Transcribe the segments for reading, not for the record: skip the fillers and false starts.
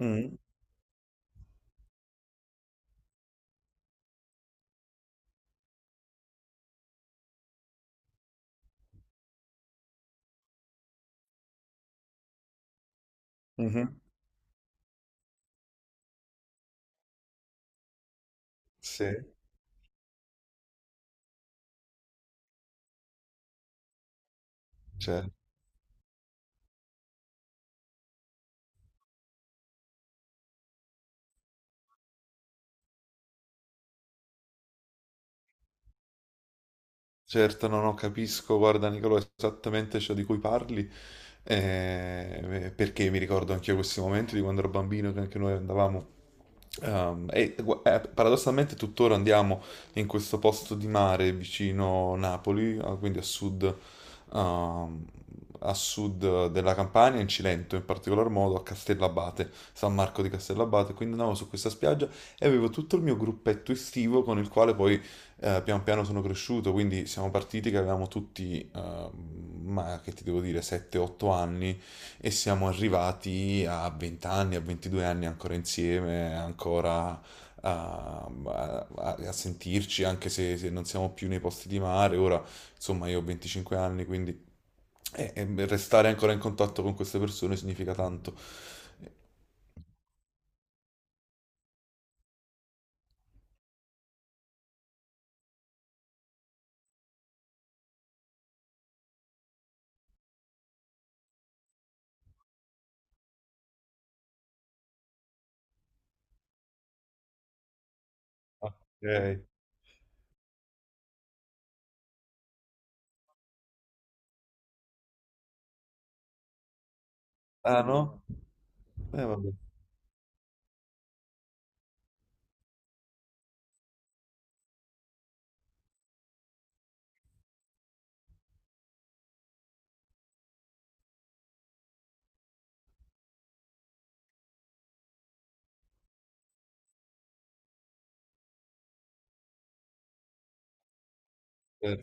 Mm. Mhm. Sì. Certo. Certo, no, no, capisco, guarda Nicolò, esattamente ciò di cui parli, perché mi ricordo anche io questi momenti di quando ero bambino, che anche noi andavamo, paradossalmente tuttora andiamo in questo posto di mare vicino Napoli, quindi ehm, a sud della Campania, in Cilento in particolar modo, a Castellabate, San Marco di Castellabate, quindi andavo su questa spiaggia e avevo tutto il mio gruppetto estivo con il quale poi pian piano sono cresciuto, quindi siamo partiti che avevamo tutti, ma che ti devo dire, 7-8 anni, e siamo arrivati a 20 anni, a 22 anni ancora insieme, ancora a sentirci, anche se non siamo più nei posti di mare. Ora, insomma, io ho 25 anni, quindi restare ancora in contatto con queste persone significa tanto. Ok. Ah, no? Vabbè. Eh,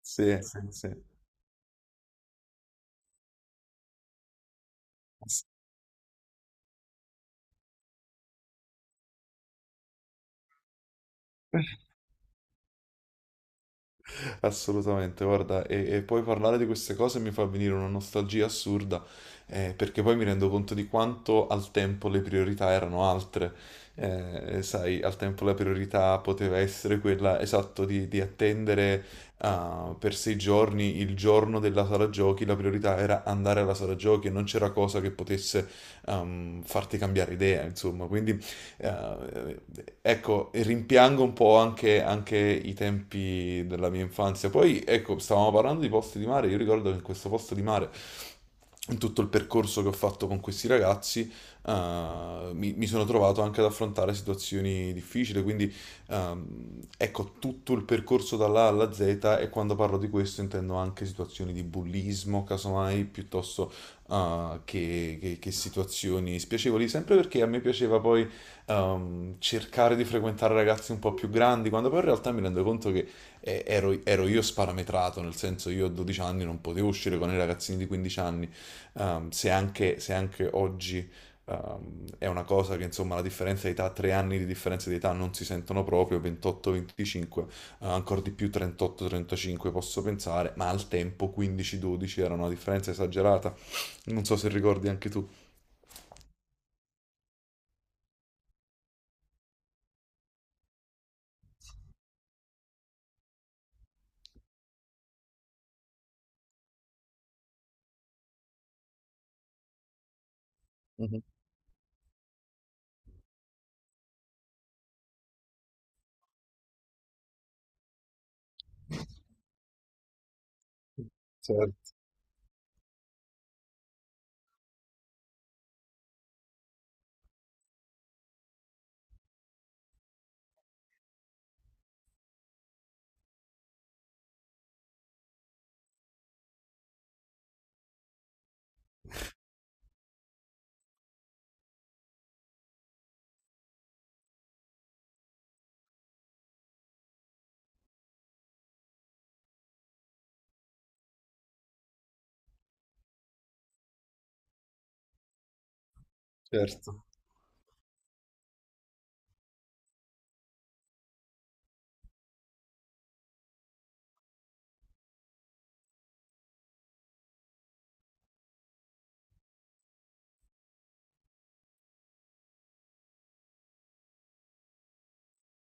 Sì, sì, sì. Assolutamente, guarda, e poi parlare di queste cose mi fa venire una nostalgia assurda, perché poi mi rendo conto di quanto al tempo le priorità erano altre. Sai, al tempo la priorità poteva essere quella, esatto, di attendere per sei giorni il giorno della sala giochi, la priorità era andare alla sala giochi e non c'era cosa che potesse farti cambiare idea, insomma, quindi eh, ecco, rimpiango un po' anche i tempi della mia infanzia. Poi, ecco, stavamo parlando di posti di mare. Io ricordo che in questo posto di mare, in tutto il percorso che ho fatto con questi ragazzi, mi sono trovato anche ad affrontare situazioni difficili. Quindi, ecco, tutto il percorso dall'A alla Z, e quando parlo di questo intendo anche situazioni di bullismo, casomai, piuttosto che situazioni spiacevoli, sempre perché a me piaceva poi cercare di frequentare ragazzi un po' più grandi, quando poi in realtà mi rendo conto che ero io sparametrato, nel senso io a 12 anni non potevo uscire con i ragazzini di 15 anni, se anche oggi è una cosa che insomma la differenza di età, 3 anni di differenza di età non si sentono proprio, 28-25, ancora di più 38-35 posso pensare, ma al tempo 15-12 era una differenza esagerata, non so se ricordi anche tu. Mhm. Certo, certo,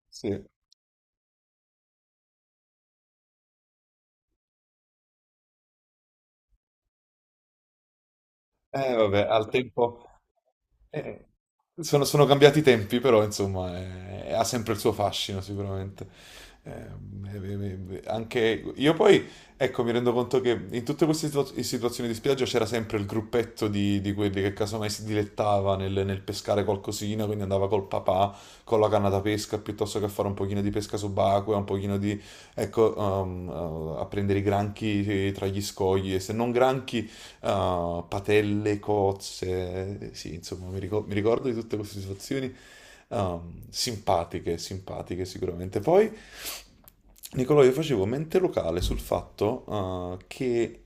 sì. Vabbè, al tempo, eh, sono cambiati i tempi, però insomma ha sempre il suo fascino sicuramente. Eh, eh, eh, anche io poi, ecco, mi rendo conto che in tutte queste situazioni di spiaggia c'era sempre il gruppetto di quelli che casomai si dilettava nel pescare qualcosina, quindi andava col papà con la canna da pesca piuttosto che a fare un pochino di pesca subacquea, un pochino di, ecco, a prendere i granchi tra gli scogli e se non granchi, patelle, cozze, sì, insomma, mi ricordo, di tutte queste situazioni simpatiche, simpatiche sicuramente. Poi, Nicolò, io facevo mente locale sul fatto che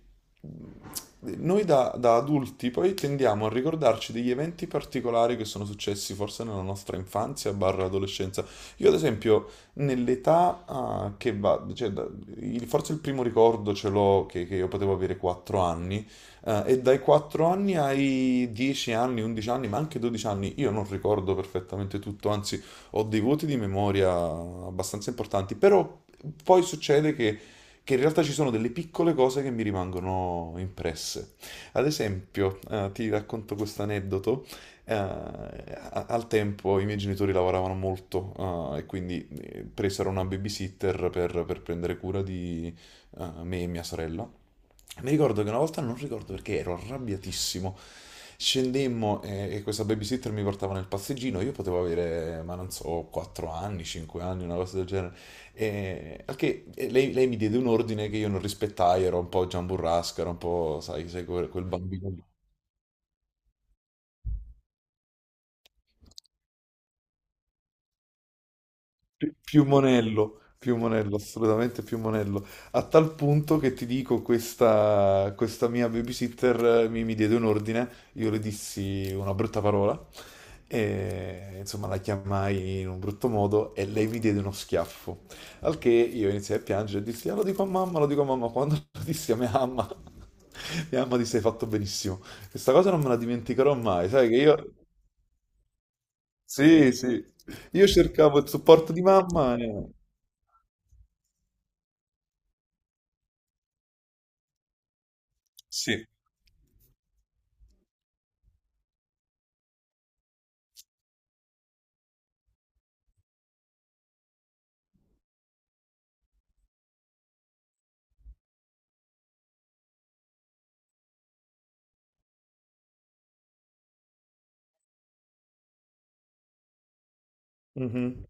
noi da, da adulti poi tendiamo a ricordarci degli eventi particolari che sono successi forse nella nostra infanzia barra adolescenza. Io ad esempio nell'età che va, cioè, forse il primo ricordo ce l'ho che io potevo avere 4 anni, e dai 4 anni ai 10 anni, 11 anni, ma anche 12 anni, io non ricordo perfettamente tutto, anzi ho dei voti di memoria abbastanza importanti, però poi succede che in realtà ci sono delle piccole cose che mi rimangono impresse. Ad esempio, ti racconto questo aneddoto. Al tempo i miei genitori lavoravano molto, e quindi presero una babysitter per prendere cura di me e mia sorella. Mi ricordo che una volta, non ricordo perché, ero arrabbiatissimo. Scendemmo, e questa babysitter mi portava nel passeggino, io potevo avere, ma non so, 4 anni, 5 anni, una cosa del genere. E, al che e lei, mi diede un ordine che io non rispettai, ero un po' giamburrasca, ero un po', sai, quel bambino lì. Pi- più monello, assolutamente più monello. A tal punto che ti dico, questa mia babysitter mi diede un ordine, io le dissi una brutta parola, e insomma la chiamai in un brutto modo e lei mi diede uno schiaffo. Al che io iniziai a piangere e dissi, "Ah, lo dico a mamma, lo dico a mamma." Quando lo dissi a mia mamma, mia mamma disse, hai fatto benissimo. Questa cosa non me la dimenticherò mai, sai che io... Sì, sì. Io cercavo il supporto di mamma. Sì. Mhm.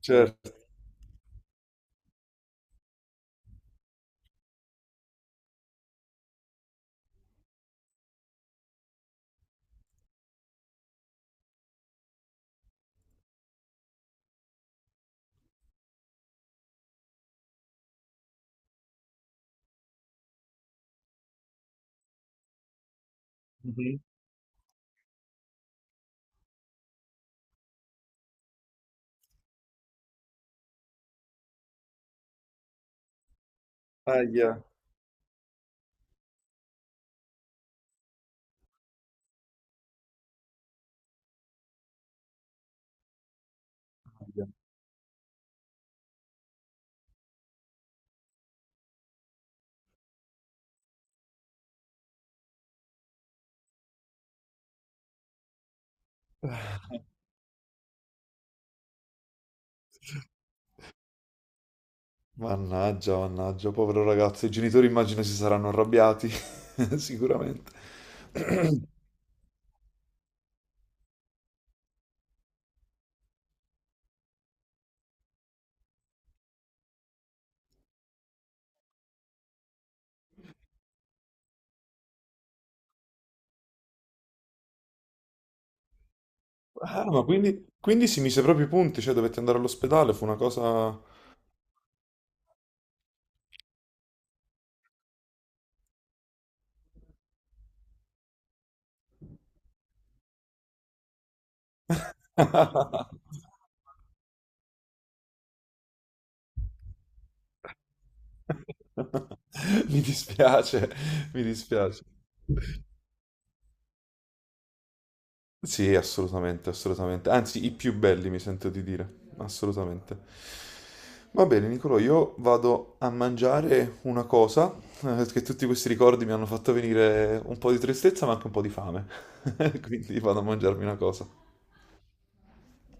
Certo. Mhm. Aia, aia. Mannaggia, mannaggia, povero ragazzo. I genitori immagino si saranno arrabbiati, sicuramente. Ah, ma quindi si mise proprio i punti, cioè dovette andare all'ospedale, fu una cosa... Mi dispiace, mi dispiace. Sì, assolutamente, assolutamente. Anzi, i più belli, mi sento di dire. Assolutamente. Va bene, Nicolò, io vado a mangiare una cosa, che tutti questi ricordi mi hanno fatto venire un po' di tristezza, ma anche un po' di fame. Quindi vado a mangiarmi una cosa.